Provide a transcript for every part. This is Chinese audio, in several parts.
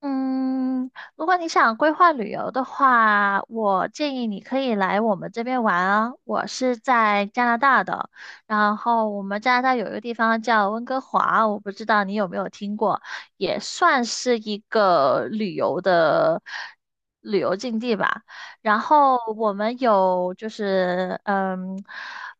嗯，如果你想规划旅游的话，我建议你可以来我们这边玩啊。我是在加拿大的，然后我们加拿大有一个地方叫温哥华，我不知道你有没有听过，也算是一个旅游境地吧。然后我们有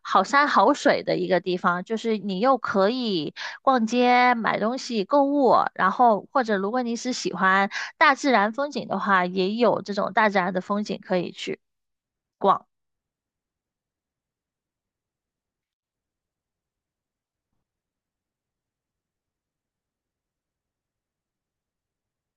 好山好水的一个地方，就是你又可以逛街、买东西、购物，然后或者如果你是喜欢大自然风景的话，也有这种大自然的风景可以去逛。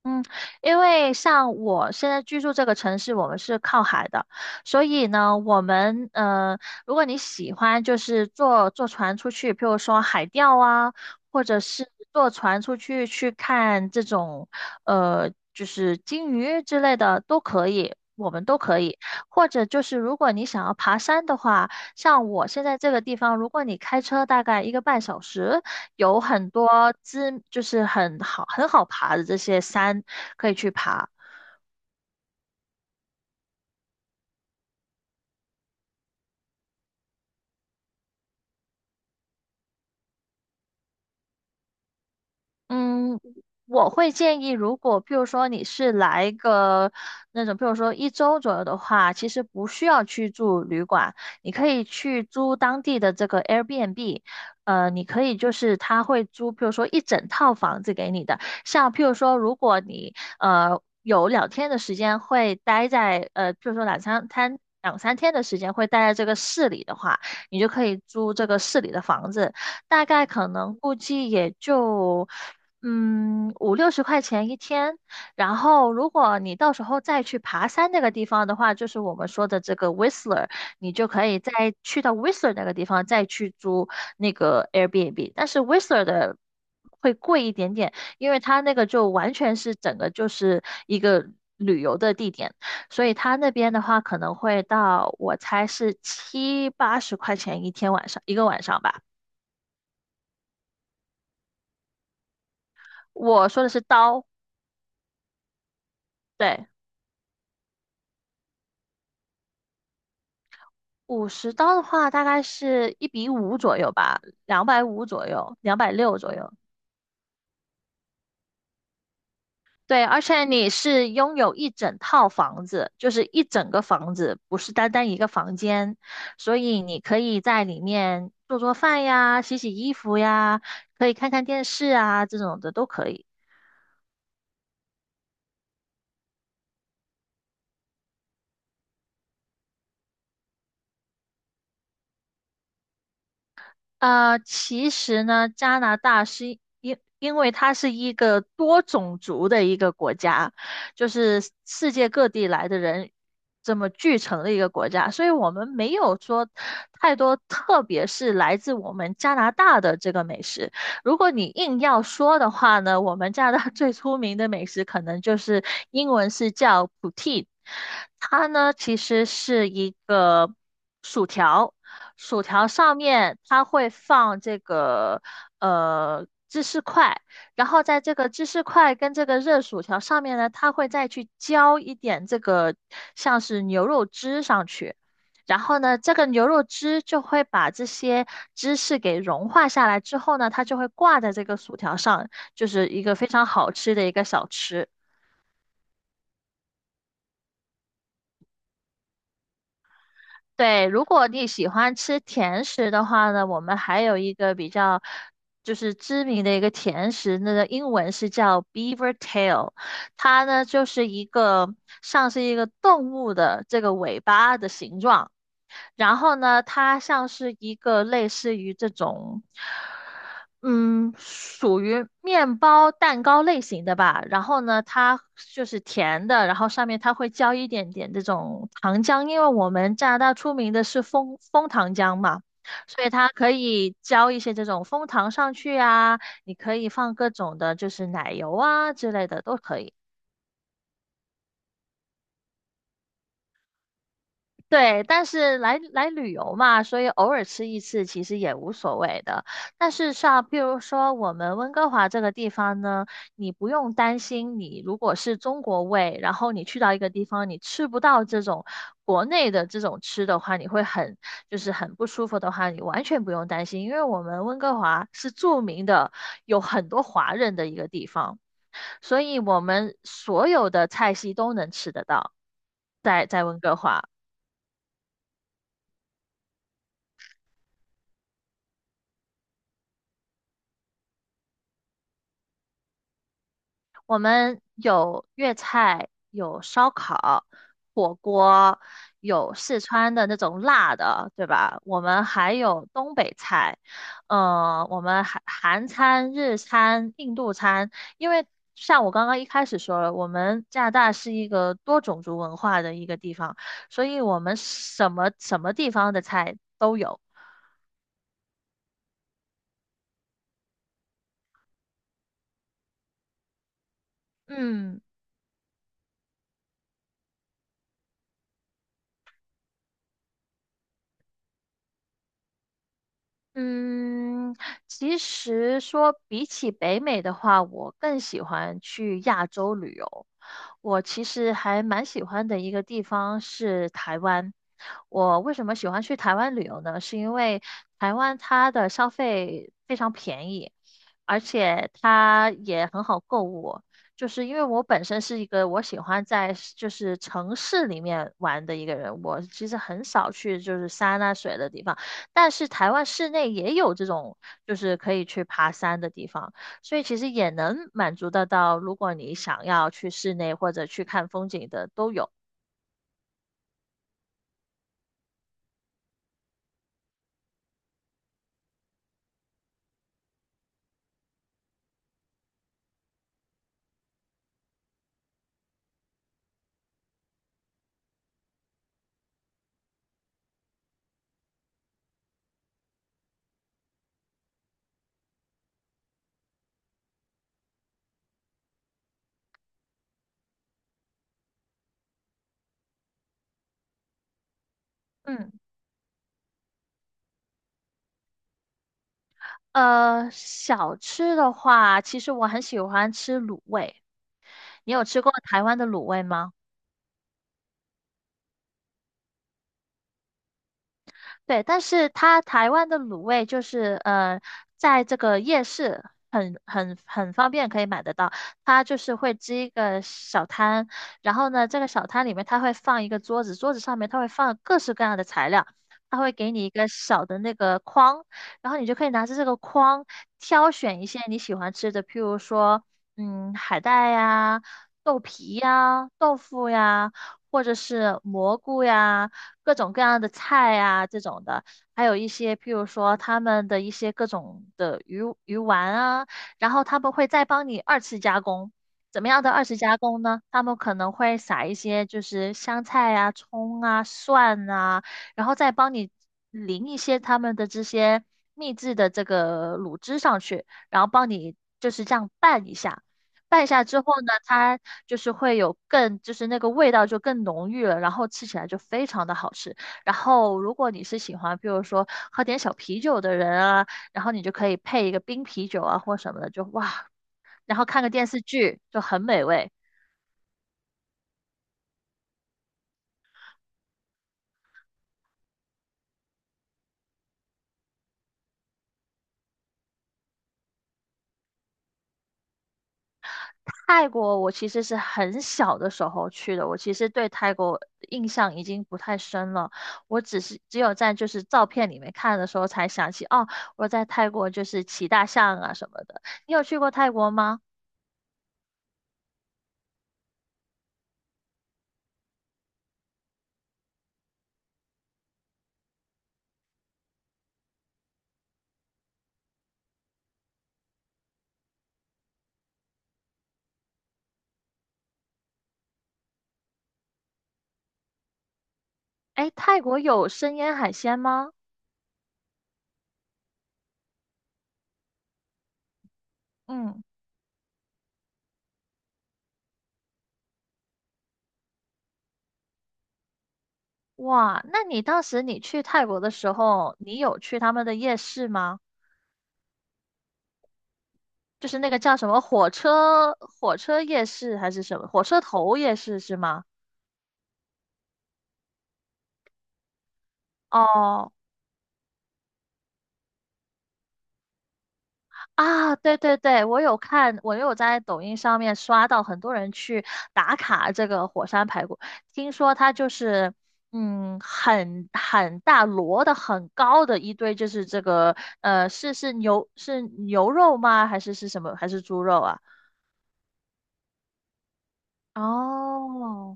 嗯，因为像我现在居住这个城市，我们是靠海的，所以呢，如果你喜欢，就是坐船出去，譬如说海钓啊，或者是坐船出去去看这种就是鲸鱼之类的都可以，我们都可以。或者就是如果你想要爬山的话，像我现在这个地方，如果你开车大概一个半小时。有很多知，就是很好爬的这些山可以去爬。嗯，我会建议，如果譬如说你是来个那种，譬如说一周左右的话，其实不需要去住旅馆，你可以去租当地的这个 Airbnb。你可以就是他会租，譬如说一整套房子给你的。像譬如说，如果你有两天的时间会待在譬如说两三天的时间会待在这个市里的话，你就可以租这个市里的房子。大概可能估计也就五六十块钱一天。然后如果你到时候再去爬山那个地方的话，就是我们说的这个 Whistler,你就可以再去到 Whistler 那个地方再去租那个 Airbnb。但是 Whistler 的会贵一点点，因为它那个就完全是整个就是一个旅游的地点。所以他那边的话可能会到，我猜是七八十块钱一天晚上，一个晚上吧。我说的是刀，对，五十刀的话大概是一比五左右吧，两百五左右，两百六左右。对，而且你是拥有一整套房子，就是一整个房子，不是单单一个房间，所以你可以在里面做做饭呀，洗洗衣服呀，可以看看电视啊，这种的都可以。其实呢，加拿大是因为它是一个多种族的一个国家，就是世界各地来的人这么聚成的一个国家，所以我们没有说太多，特别是来自我们加拿大的这个美食。如果你硬要说的话呢，我们加拿大 最出名的美食可能就是英文是叫 poutine,它呢其实是一个薯条。薯条上面它会放这个芝士块，然后在这个芝士块跟这个热薯条上面呢，它会再去浇一点这个像是牛肉汁上去，然后呢，这个牛肉汁就会把这些芝士给融化下来之后呢，它就会挂在这个薯条上，就是一个非常好吃的一个小吃。对，如果你喜欢吃甜食的话呢，我们还有一个比较就是知名的一个甜食，那个英文是叫 Beaver Tail,它呢就是一个像是一个动物的这个尾巴的形状。然后呢，它像是一个类似于这种，嗯，属于面包蛋糕类型的吧。然后呢，它就是甜的，然后上面它会浇一点点这种糖浆，因为我们加拿大出名的是蜂糖浆嘛。所以它可以浇一些这种蜂糖上去啊，你可以放各种的，就是奶油啊之类的都可以。对，但是来旅游嘛，所以偶尔吃一次其实也无所谓的。但是像譬如说我们温哥华这个地方呢，你不用担心，你如果是中国胃，然后你去到一个地方，你吃不到这种国内的这种吃的话，你会很就是很不舒服的话，你完全不用担心，因为我们温哥华是著名的有很多华人的一个地方，所以我们所有的菜系都能吃得到，在温哥华。我们有粤菜，有烧烤、火锅，有四川的那种辣的，对吧？我们还有东北菜，我们韩餐、日餐、印度餐。因为像我刚刚一开始说了，我们加拿大是一个多种族文化的一个地方，所以我们什么地方的菜都有。嗯。嗯，其实说比起北美的话，我更喜欢去亚洲旅游。我其实还蛮喜欢的一个地方是台湾。我为什么喜欢去台湾旅游呢？是因为台湾它的消费非常便宜，而且它也很好购物。就是因为我本身是一个我喜欢在就是城市里面玩的一个人，我其实很少去就是山啊水的地方。但是台湾室内也有这种，就是可以去爬山的地方，所以其实也能满足得到，如果你想要去室内或者去看风景的都有。嗯，小吃的话，其实我很喜欢吃卤味，你有吃过台湾的卤味吗？对，但是它台湾的卤味在这个夜市很方便可以买得到。它就是会支一个小摊，然后呢，这个小摊里面它会放一个桌子，桌子上面它会放各式各样的材料，它会给你一个小的那个筐，然后你就可以拿着这个筐挑选一些你喜欢吃的，譬如说，海带呀、豆皮呀、豆腐呀，或者是蘑菇呀。各种各样的菜啊这种的，还有一些譬如说他们的一些各种的鱼丸啊，然后他们会再帮你二次加工。怎么样的二次加工呢？他们可能会撒一些就是香菜啊、葱啊、蒜啊，然后再帮你淋一些他们的这些秘制的这个卤汁上去，然后帮你就是这样拌一下。拌下之后呢，它就是会有更，就是那个味道就更浓郁了，然后吃起来就非常的好吃。然后如果你是喜欢，比如说喝点小啤酒的人啊，然后你就可以配一个冰啤酒啊或什么的，就哇，然后看个电视剧就很美味。泰国我其实是很小的时候去的，我其实对泰国印象已经不太深了，我只是只有在就是照片里面看的时候才想起，哦，我在泰国就是骑大象啊什么的。你有去过泰国吗？哎，泰国有生腌海鲜吗？嗯，哇，那你当时你去泰国的时候，你有去他们的夜市吗？就是那个叫什么火车夜市还是什么火车头夜市是吗？哦，啊，对对对，我有看，我有在抖音上面刷到很多人去打卡这个火山排骨，听说它就是，很大摞的很高的一堆，就是这个，是是牛是牛肉吗？还是是什么？还是猪肉啊？哦，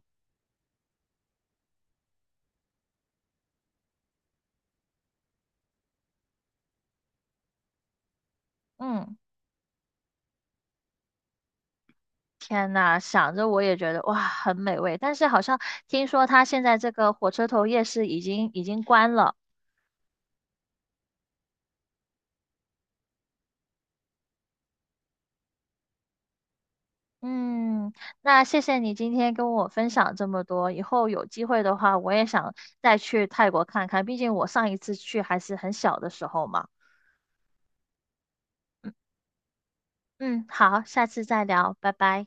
嗯，天呐，想着我也觉得哇，很美味，但是好像听说它现在这个火车头夜市已经关了。嗯，那谢谢你今天跟我分享这么多。以后有机会的话，我也想再去泰国看看，毕竟我上一次去还是很小的时候嘛。嗯，好，下次再聊，拜拜。